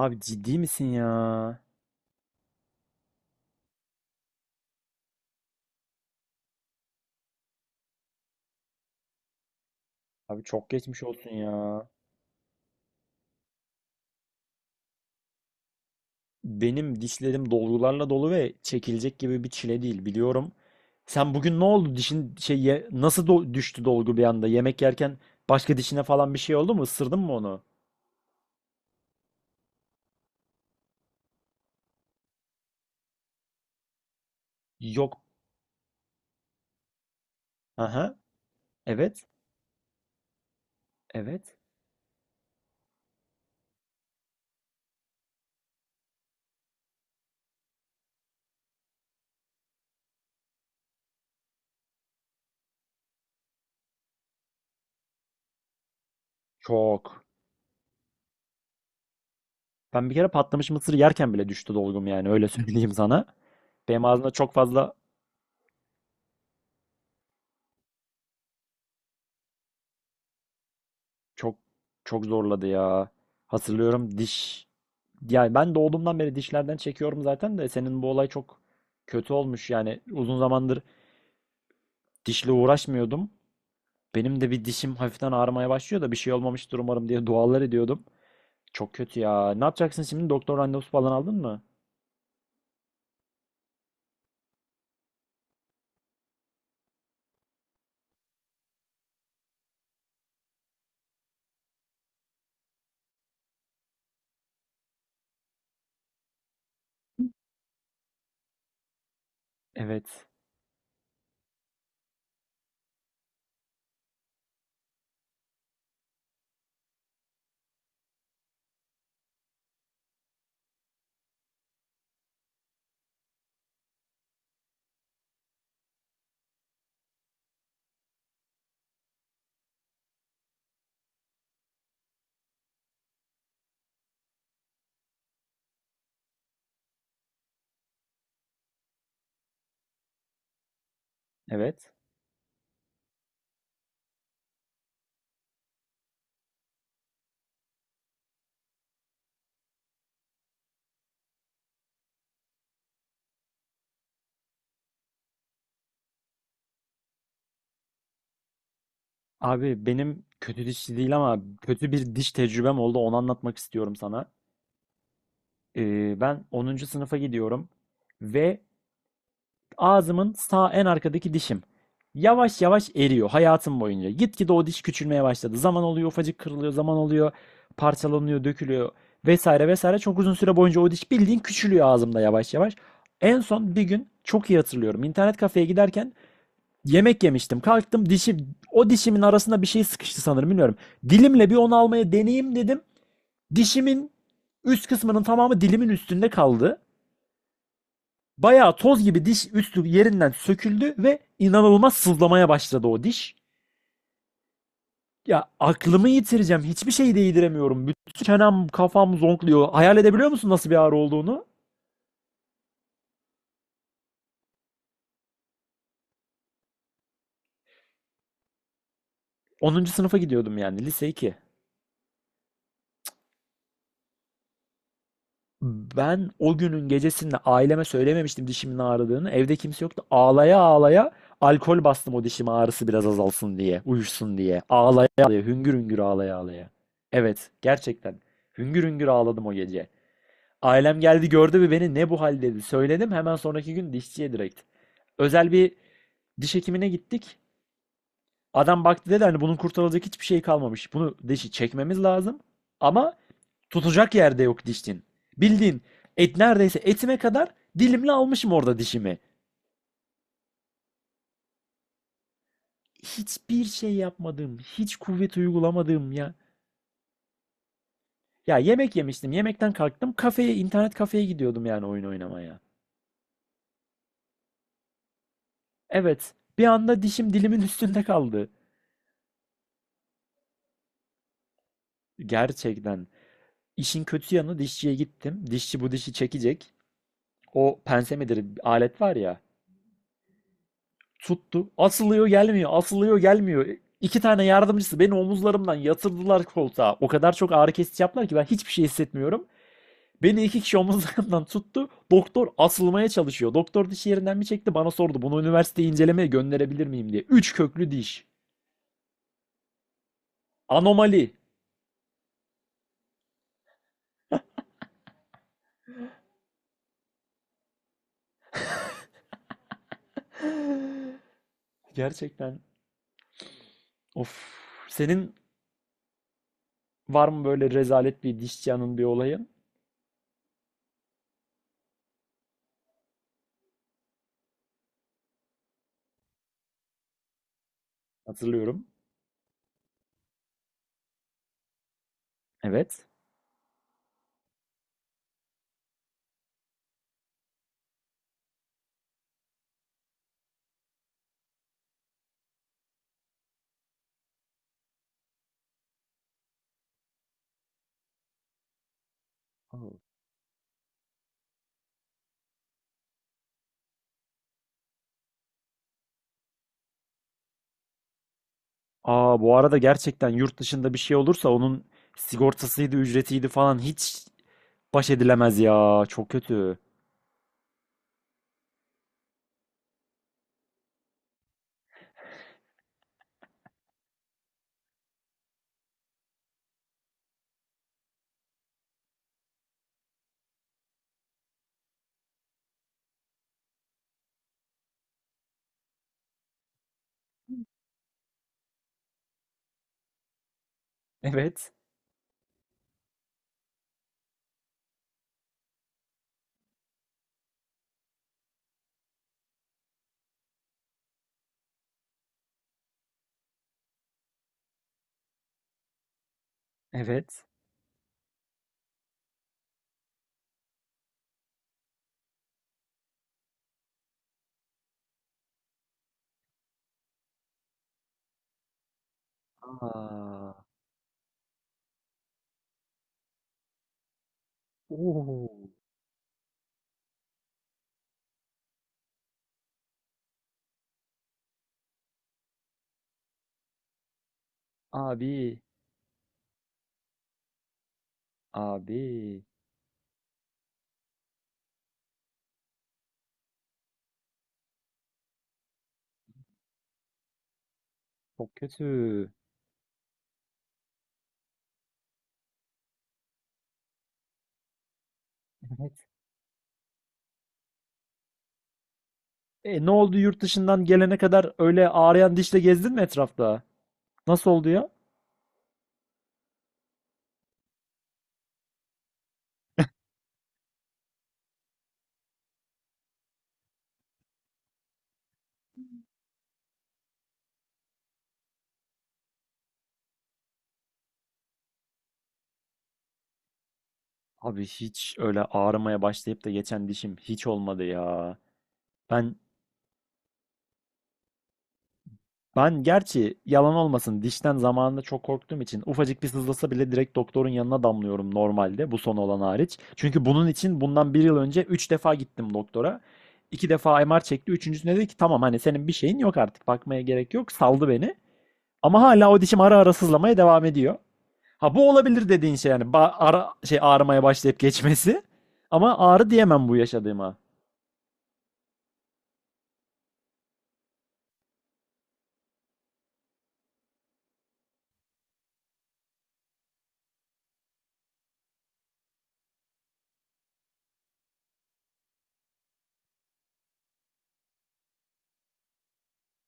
Abi ciddi misin ya? Abi çok geçmiş olsun ya. Benim dişlerim dolgularla dolu ve çekilecek gibi bir çile değil biliyorum. Sen bugün ne oldu? Dişin nasıl düştü dolgu bir anda? Yemek yerken başka dişine falan bir şey oldu mu? Isırdın mı onu? Yok. Aha. Evet. Evet. Çok. Ben bir kere patlamış mısır yerken bile düştü dolgum yani öyle söyleyeyim sana. Benim ağzımda çok fazla, çok çok zorladı ya. Hatırlıyorum diş. Yani ben doğduğumdan beri dişlerden çekiyorum zaten de senin bu olay çok kötü olmuş. Yani uzun zamandır dişle uğraşmıyordum. Benim de bir dişim hafiften ağrımaya başlıyor da bir şey olmamıştır umarım diye dualar ediyordum. Çok kötü ya. Ne yapacaksın şimdi? Doktor randevusu falan aldın mı? Evet. Evet. Abi benim kötü dişçi değil ama kötü bir diş tecrübem oldu. Onu anlatmak istiyorum sana. Ben onuncu sınıfa gidiyorum ve ağzımın sağ en arkadaki dişim yavaş yavaş eriyor hayatım boyunca. Gitgide o diş küçülmeye başladı. Zaman oluyor, ufacık kırılıyor, zaman oluyor, parçalanıyor, dökülüyor, vesaire vesaire. Çok uzun süre boyunca o diş bildiğin küçülüyor ağzımda yavaş yavaş. En son bir gün çok iyi hatırlıyorum. İnternet kafeye giderken yemek yemiştim. Kalktım, dişi, o dişimin arasında bir şey sıkıştı sanırım, bilmiyorum. Dilimle bir onu almaya deneyeyim dedim. Dişimin üst kısmının tamamı dilimin üstünde kaldı. Bayağı toz gibi diş üstü yerinden söküldü ve inanılmaz sızlamaya başladı o diş. Ya aklımı yitireceğim. Hiçbir şeyi değdiremiyorum. Bütün çenem, kafam zonkluyor. Hayal edebiliyor musun nasıl bir ağrı olduğunu? Onuncu sınıfa gidiyordum, yani lise 2. Ben o günün gecesinde aileme söylememiştim dişimin ağrıdığını. Evde kimse yoktu. Ağlaya ağlaya alkol bastım o dişime, ağrısı biraz azalsın diye, uyuşsun diye. Ağlaya ağlaya, hüngür hüngür ağlaya ağlaya. Evet, gerçekten. Hüngür hüngür ağladım o gece. Ailem geldi gördü ve beni ne bu hal dedi. Söyledim hemen sonraki gün dişçiye direkt. Özel bir diş hekimine gittik. Adam baktı, dedi hani bunun kurtarılacak hiçbir şey kalmamış, bunu dişi çekmemiz lazım. Ama tutacak yerde yok dişin. Bildiğin et, neredeyse etime kadar dilimle almışım orada dişimi. Hiçbir şey yapmadım. Hiç kuvvet uygulamadım ya. Ya yemek yemiştim. Yemekten kalktım. Kafeye, internet kafeye gidiyordum, yani oyun oynamaya. Evet. Bir anda dişim dilimin üstünde kaldı. Gerçekten. İşin kötü yanı, dişçiye gittim. Dişçi bu dişi çekecek. O pense midir alet var ya. Tuttu. Asılıyor gelmiyor. Asılıyor gelmiyor. İki tane yardımcısı beni omuzlarımdan yatırdılar koltuğa. O kadar çok ağrı kesici yaptılar ki ben hiçbir şey hissetmiyorum. Beni iki kişi omuzlarımdan tuttu. Doktor asılmaya çalışıyor. Doktor dişi yerinden mi çekti? Bana sordu, bunu üniversiteye incelemeye gönderebilir miyim diye. Üç köklü diş. Anomali. Gerçekten. Of. Senin var mı böyle rezalet bir dişçi anın, bir olayı? Hatırlıyorum. Evet. Oo. Aa, bu arada gerçekten yurt dışında bir şey olursa onun sigortasıydı, ücretiydi falan, hiç baş edilemez ya. Çok kötü. Evet. Evet. Aa. Oo. Abi. Abi. Çok kötü. Evet. E ne oldu, yurt dışından gelene kadar öyle ağrıyan dişle gezdin mi etrafta? Nasıl oldu ya? Abi hiç öyle ağrımaya başlayıp da geçen dişim hiç olmadı ya. Ben Ben gerçi, yalan olmasın, dişten zamanında çok korktuğum için ufacık bir sızlasa bile direkt doktorun yanına damlıyorum normalde, bu son olan hariç. Çünkü bunun için bundan bir yıl önce 3 defa gittim doktora. İki defa MR çekti. Üçüncüsünde dedi ki tamam, hani senin bir şeyin yok artık, bakmaya gerek yok. Saldı beni. Ama hala o dişim ara ara sızlamaya devam ediyor. Ha, bu olabilir dediğin şey, yani ara şey ağrımaya başlayıp geçmesi. Ama ağrı diyemem bu yaşadığıma.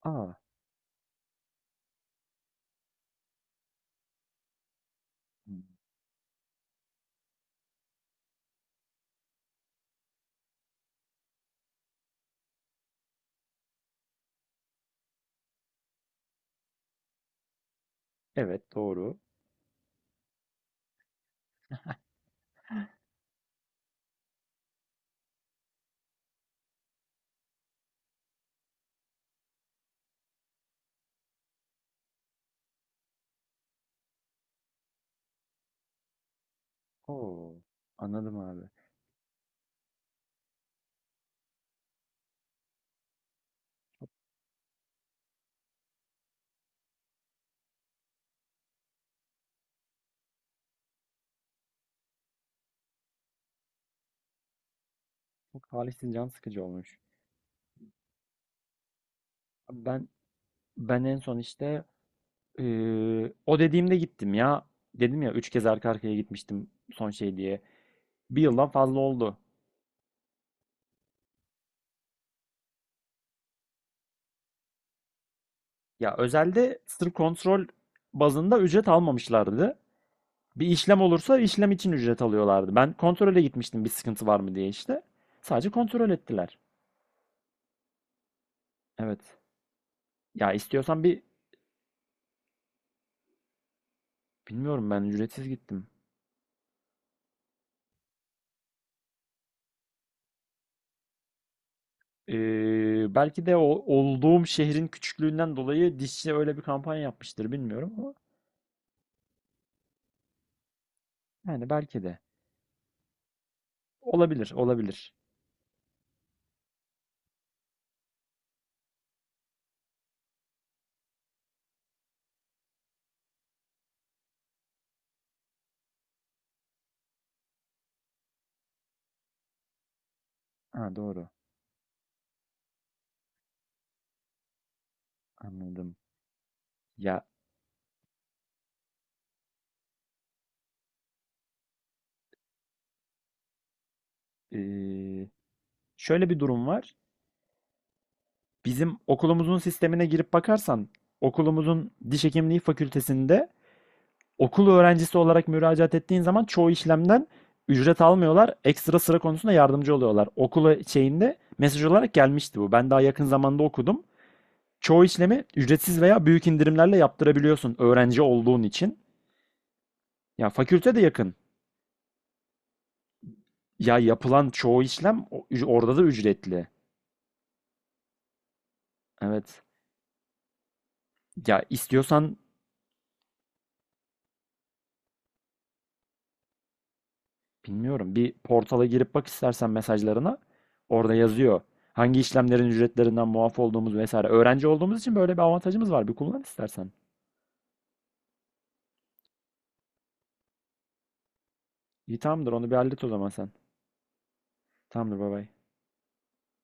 Aa, evet, doğru. Oo, anladım abi. Çok talihsiz, can sıkıcı olmuş. Ben ben en son işte, o dediğimde gittim ya. Dedim ya, üç kez arka arkaya gitmiştim son şey diye. Bir yıldan fazla oldu. Ya özelde sırf kontrol bazında ücret almamışlardı. Bir işlem olursa işlem için ücret alıyorlardı. Ben kontrole gitmiştim, bir sıkıntı var mı diye işte. Sadece kontrol ettiler. Evet. Ya istiyorsan bir, bilmiyorum, ben ücretsiz gittim. Belki de o olduğum şehrin küçüklüğünden dolayı dişçi öyle bir kampanya yapmıştır, bilmiyorum, ama yani belki de. Olabilir, olabilir. Ha, doğru. Anladım. Ya, eee, şöyle bir durum var. Bizim okulumuzun sistemine girip bakarsan, okulumuzun diş hekimliği fakültesinde okul öğrencisi olarak müracaat ettiğin zaman çoğu işlemden ücret almıyorlar. Ekstra sıra konusunda yardımcı oluyorlar. Okula şeyinde mesaj olarak gelmişti bu. Ben daha yakın zamanda okudum. Çoğu işlemi ücretsiz veya büyük indirimlerle yaptırabiliyorsun öğrenci olduğun için. Ya fakülte de yakın. Ya yapılan çoğu işlem, orada da ücretli. Evet. Ya istiyorsan, bilmiyorum, bir portala girip bak istersen mesajlarına. Orada yazıyor. Hangi işlemlerin ücretlerinden muaf olduğumuz vesaire. Öğrenci olduğumuz için böyle bir avantajımız var. Bir kullan istersen. İyi, tamamdır, onu bir hallet o zaman sen. Tamamdır, bay bay.